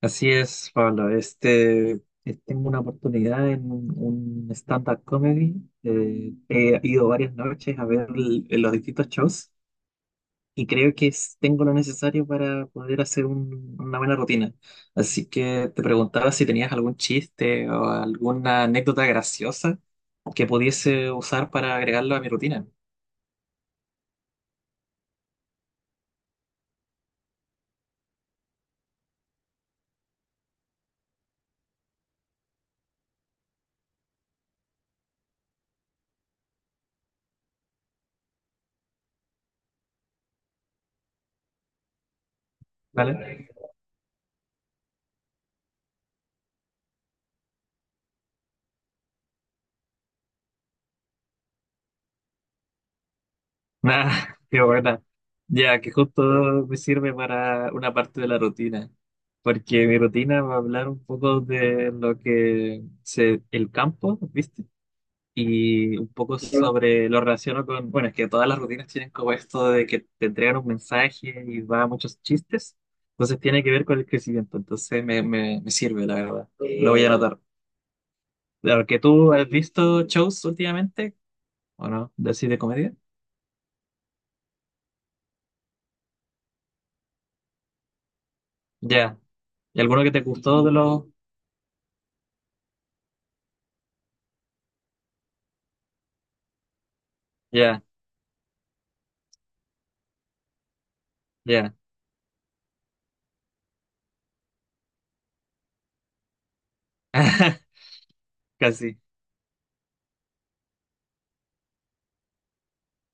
Así es, Pablo. Tengo una oportunidad en un stand-up comedy. He ido varias noches a ver los distintos shows y creo que tengo lo necesario para poder hacer una buena rutina. Así que te preguntaba si tenías algún chiste o alguna anécdota graciosa que pudiese usar para agregarlo a mi rutina, ¿vale? Ah, qué buena. Ya, que justo me sirve para una parte de la rutina, porque mi rutina va a hablar un poco de lo que se, el campo, ¿viste? Y un poco sobre lo relaciono con, bueno, es que todas las rutinas tienen como esto de que te entregan un mensaje y va a muchos chistes, entonces tiene que ver con el crecimiento, entonces me sirve, la verdad. Lo voy a anotar. Claro, que tú has visto shows últimamente, ¿o no? De así de comedia. Ya. ¿Y alguno que te gustó de los? Ya, ya. Casi,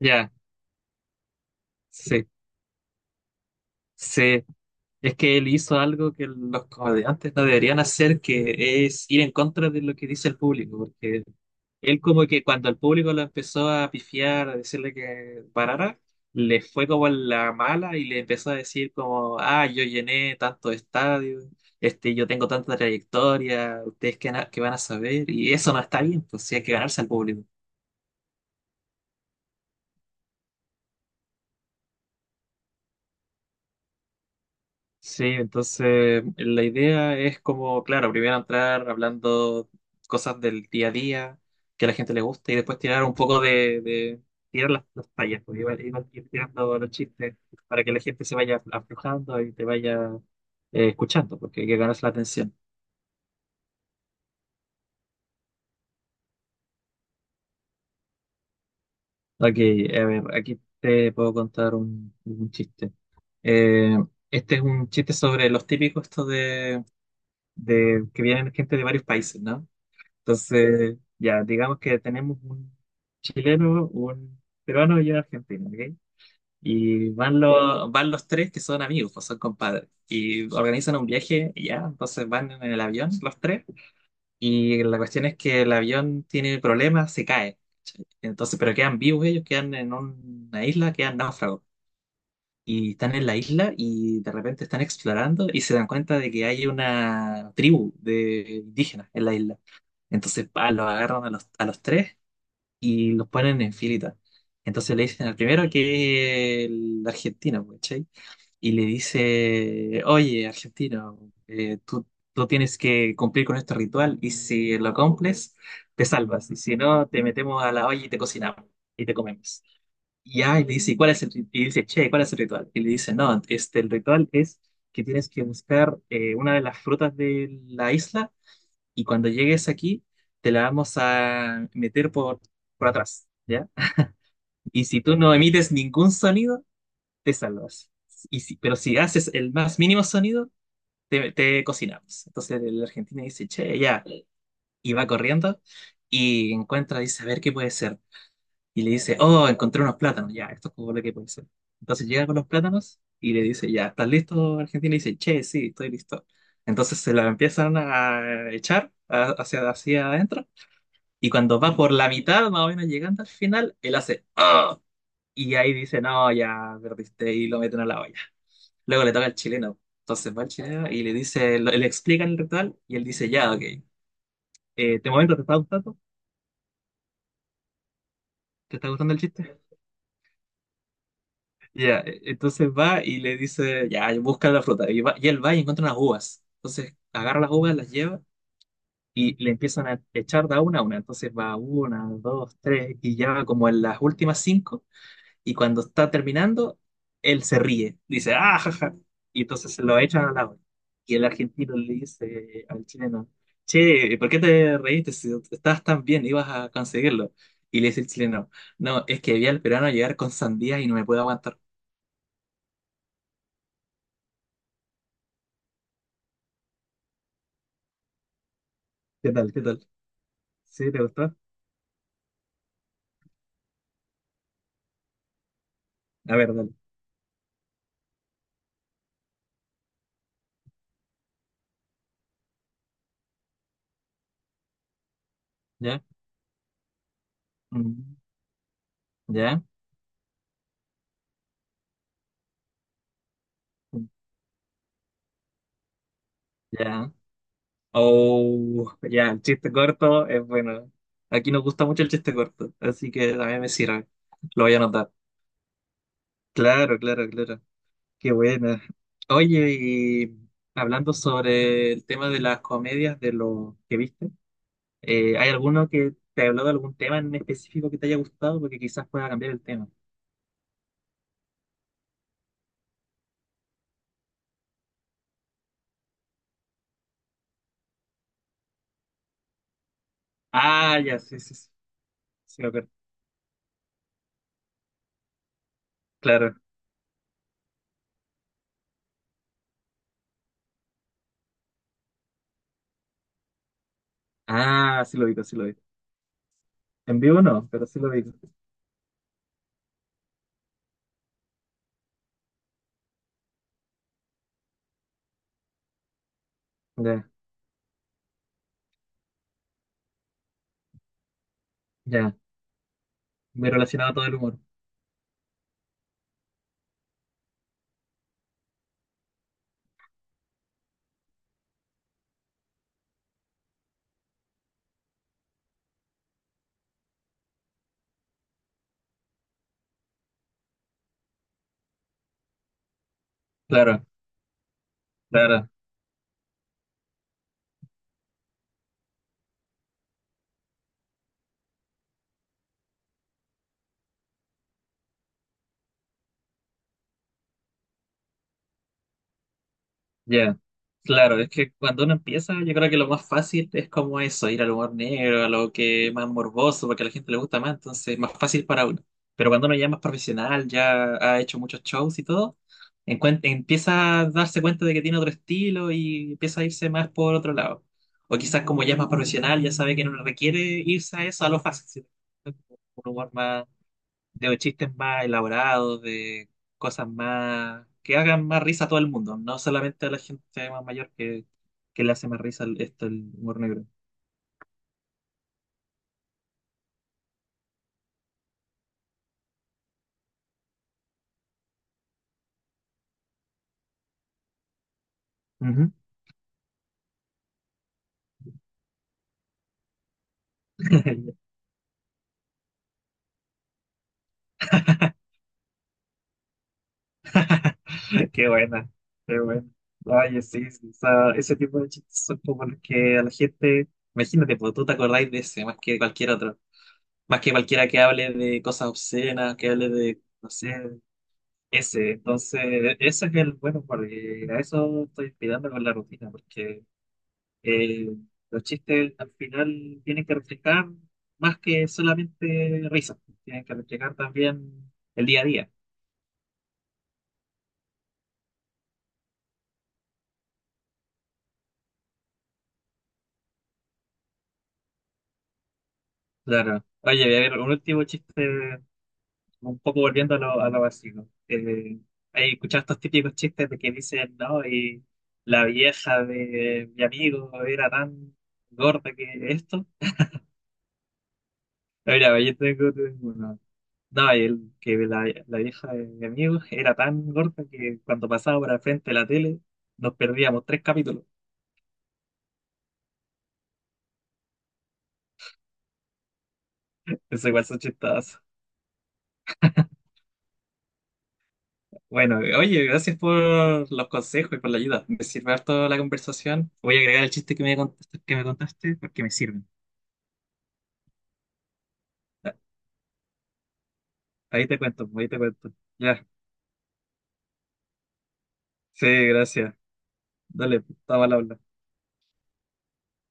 ya, sí, sí. Es que él hizo algo que los comediantes no deberían hacer, que es ir en contra de lo que dice el público, porque él como que cuando el público lo empezó a pifiar, a decirle que parara, le fue como en la mala y le empezó a decir como, ah, yo llené tantos estadios, este, yo tengo tanta trayectoria, ustedes que van a saber, y eso no está bien, pues sí hay que ganarse al público. Sí, entonces la idea es como, claro, primero entrar hablando cosas del día a día que a la gente le gusta y después tirar un poco de tirar las tallas, pues, ir tirando los chistes para que la gente se vaya aflojando y te vaya escuchando, porque hay que ganarse la atención. Ok, a ver, aquí te puedo contar un chiste. Eh, este es un chiste sobre los típicos estos de que vienen gente de varios países, ¿no? Entonces, ya, digamos que tenemos un chileno, un peruano y un argentino, ¿ok? Y van los tres que son amigos, pues son compadres. Y organizan un viaje, y ya, entonces van en el avión los tres. Y la cuestión es que el avión tiene problemas, se cae. Entonces, pero quedan vivos ellos, quedan en una isla, quedan náufragos. Y están en la isla y de repente están explorando y se dan cuenta de que hay una tribu de indígenas en la isla. Entonces, pa, los agarran a los tres y los ponen en filita. Entonces le dicen al primero que es el argentino, pues, ¿cachai? Y le dice, oye, argentino, eh, tú, tú tienes que cumplir con este ritual y si lo cumples, te salvas. Y si no, te metemos a la olla y te cocinamos y te comemos. Y ya, y le dice, "¿Y cuál es el rit-?". Y dice, che, ¿cuál es el ritual? Y le dice, no, este, el ritual es que tienes que buscar una de las frutas de la isla y cuando llegues aquí, te la vamos a meter por atrás, ¿ya? Y si tú no emites ningún sonido, te salvas. Y si- pero si haces el más mínimo sonido, te cocinamos. Entonces el argentino dice, che, ya, y va corriendo y encuentra, dice, a ver qué puede ser. Y le dice, oh, encontré unos plátanos, ya, esto es como lo que puede ser. Entonces llega con los plátanos y le dice, ya, ¿estás listo, argentino? Y dice, che, sí, estoy listo. Entonces se la empiezan a echar a- hacia adentro. Y cuando va por la mitad, más o menos llegando al final, él hace "Ah". Y ahí dice, no, ya perdiste y lo meten a la olla. Luego le toca al chileno. Entonces va el chileno y le dice, le explican el ritual y él dice, ya, ok. ¿De momento te está gustando? ¿Te está gustando el chiste? Ya, entonces va y le dice, ya, busca la fruta. Y, va- y él va y encuentra unas uvas. Entonces agarra las uvas, las lleva y le empiezan a echar de a una a una. Entonces va una, dos, tres y ya como en las últimas cinco. Y cuando está terminando, él se ríe, dice, ah, jaja. Y entonces se lo echan al la. Y el argentino le dice al chileno, che, ¿por qué te reíste si estabas tan bien, ibas a conseguirlo? Y le dice el chileno, no, es que vi al peruano llegar con sandía y no me puedo aguantar. ¿Qué tal? ¿Qué tal? ¿Sí? ¿Te gustó? A ver, dale. ¿Ya? Mm. ¿Ya? Mm. ¿Ya? Oh, ya, el chiste corto es bueno. Aquí nos gusta mucho el chiste corto, así que también me sirve. Lo voy a anotar. Claro, claro, claro. Qué buena. Oye, y hablando sobre el tema de las comedias, de lo que viste, ¿hay alguno que te habló de algún tema en específico que te haya gustado? Porque quizás pueda cambiar el tema. Ah, ya, sí, sí, sí. Sí, me acuerdo. Claro. Ah, sí lo digo, sí lo digo. En vivo no, pero sí lo digo. Ya, ya. Me relacionaba todo el humor. Claro, claro. Ya, claro, es que cuando uno empieza, yo creo que lo más fácil es como eso, ir al humor negro, a lo que es más morboso, porque a la gente le gusta más, entonces es más fácil para uno. Pero cuando uno ya es más profesional, ya ha hecho muchos shows y todo, empieza a darse cuenta de que tiene otro estilo y empieza a irse más por otro lado. O quizás como ya es más profesional, ya sabe que no le requiere irse a eso, a lo fácil, sino un humor más de chistes más elaborados, de cosas más que hagan más risa a todo el mundo, no solamente a la gente más mayor que le hace más risa el- esto el humor negro. Ujú. Qué buena, qué buena. Oye, sí, sí, o sea, ese tipo de chistes son como los que a la gente, imagínate, pues tú te acordáis de ese más que cualquier otro, más que cualquiera que hable de cosas obscenas, que hable de, no sé, ese. Entonces, e-, eso es el bueno, porque a eso estoy inspirando con la rutina, porque Eh, los chistes al final tienen que reflejar más que solamente risas, tienen que reflejar también el día a día. Claro. Oye, voy a ver, un último chiste, un poco volviendo a lo básico. Hay escuchado estos típicos chistes de que dicen, no, y la vieja de mi amigo era tan gorda que esto. Mira, yo tengo uno. No, y el, que la vieja de mi amigo era tan gorda que cuando pasaba por al frente de la tele nos perdíamos tres capítulos. Eso igual son chistadas. Bueno, oye, gracias por los consejos y por la ayuda. Me sirve harto la conversación. Voy a agregar el chiste que me contaste porque me sirven. Ahí te cuento, ahí te cuento. Ya, sí, gracias. Dale, estaba al habla.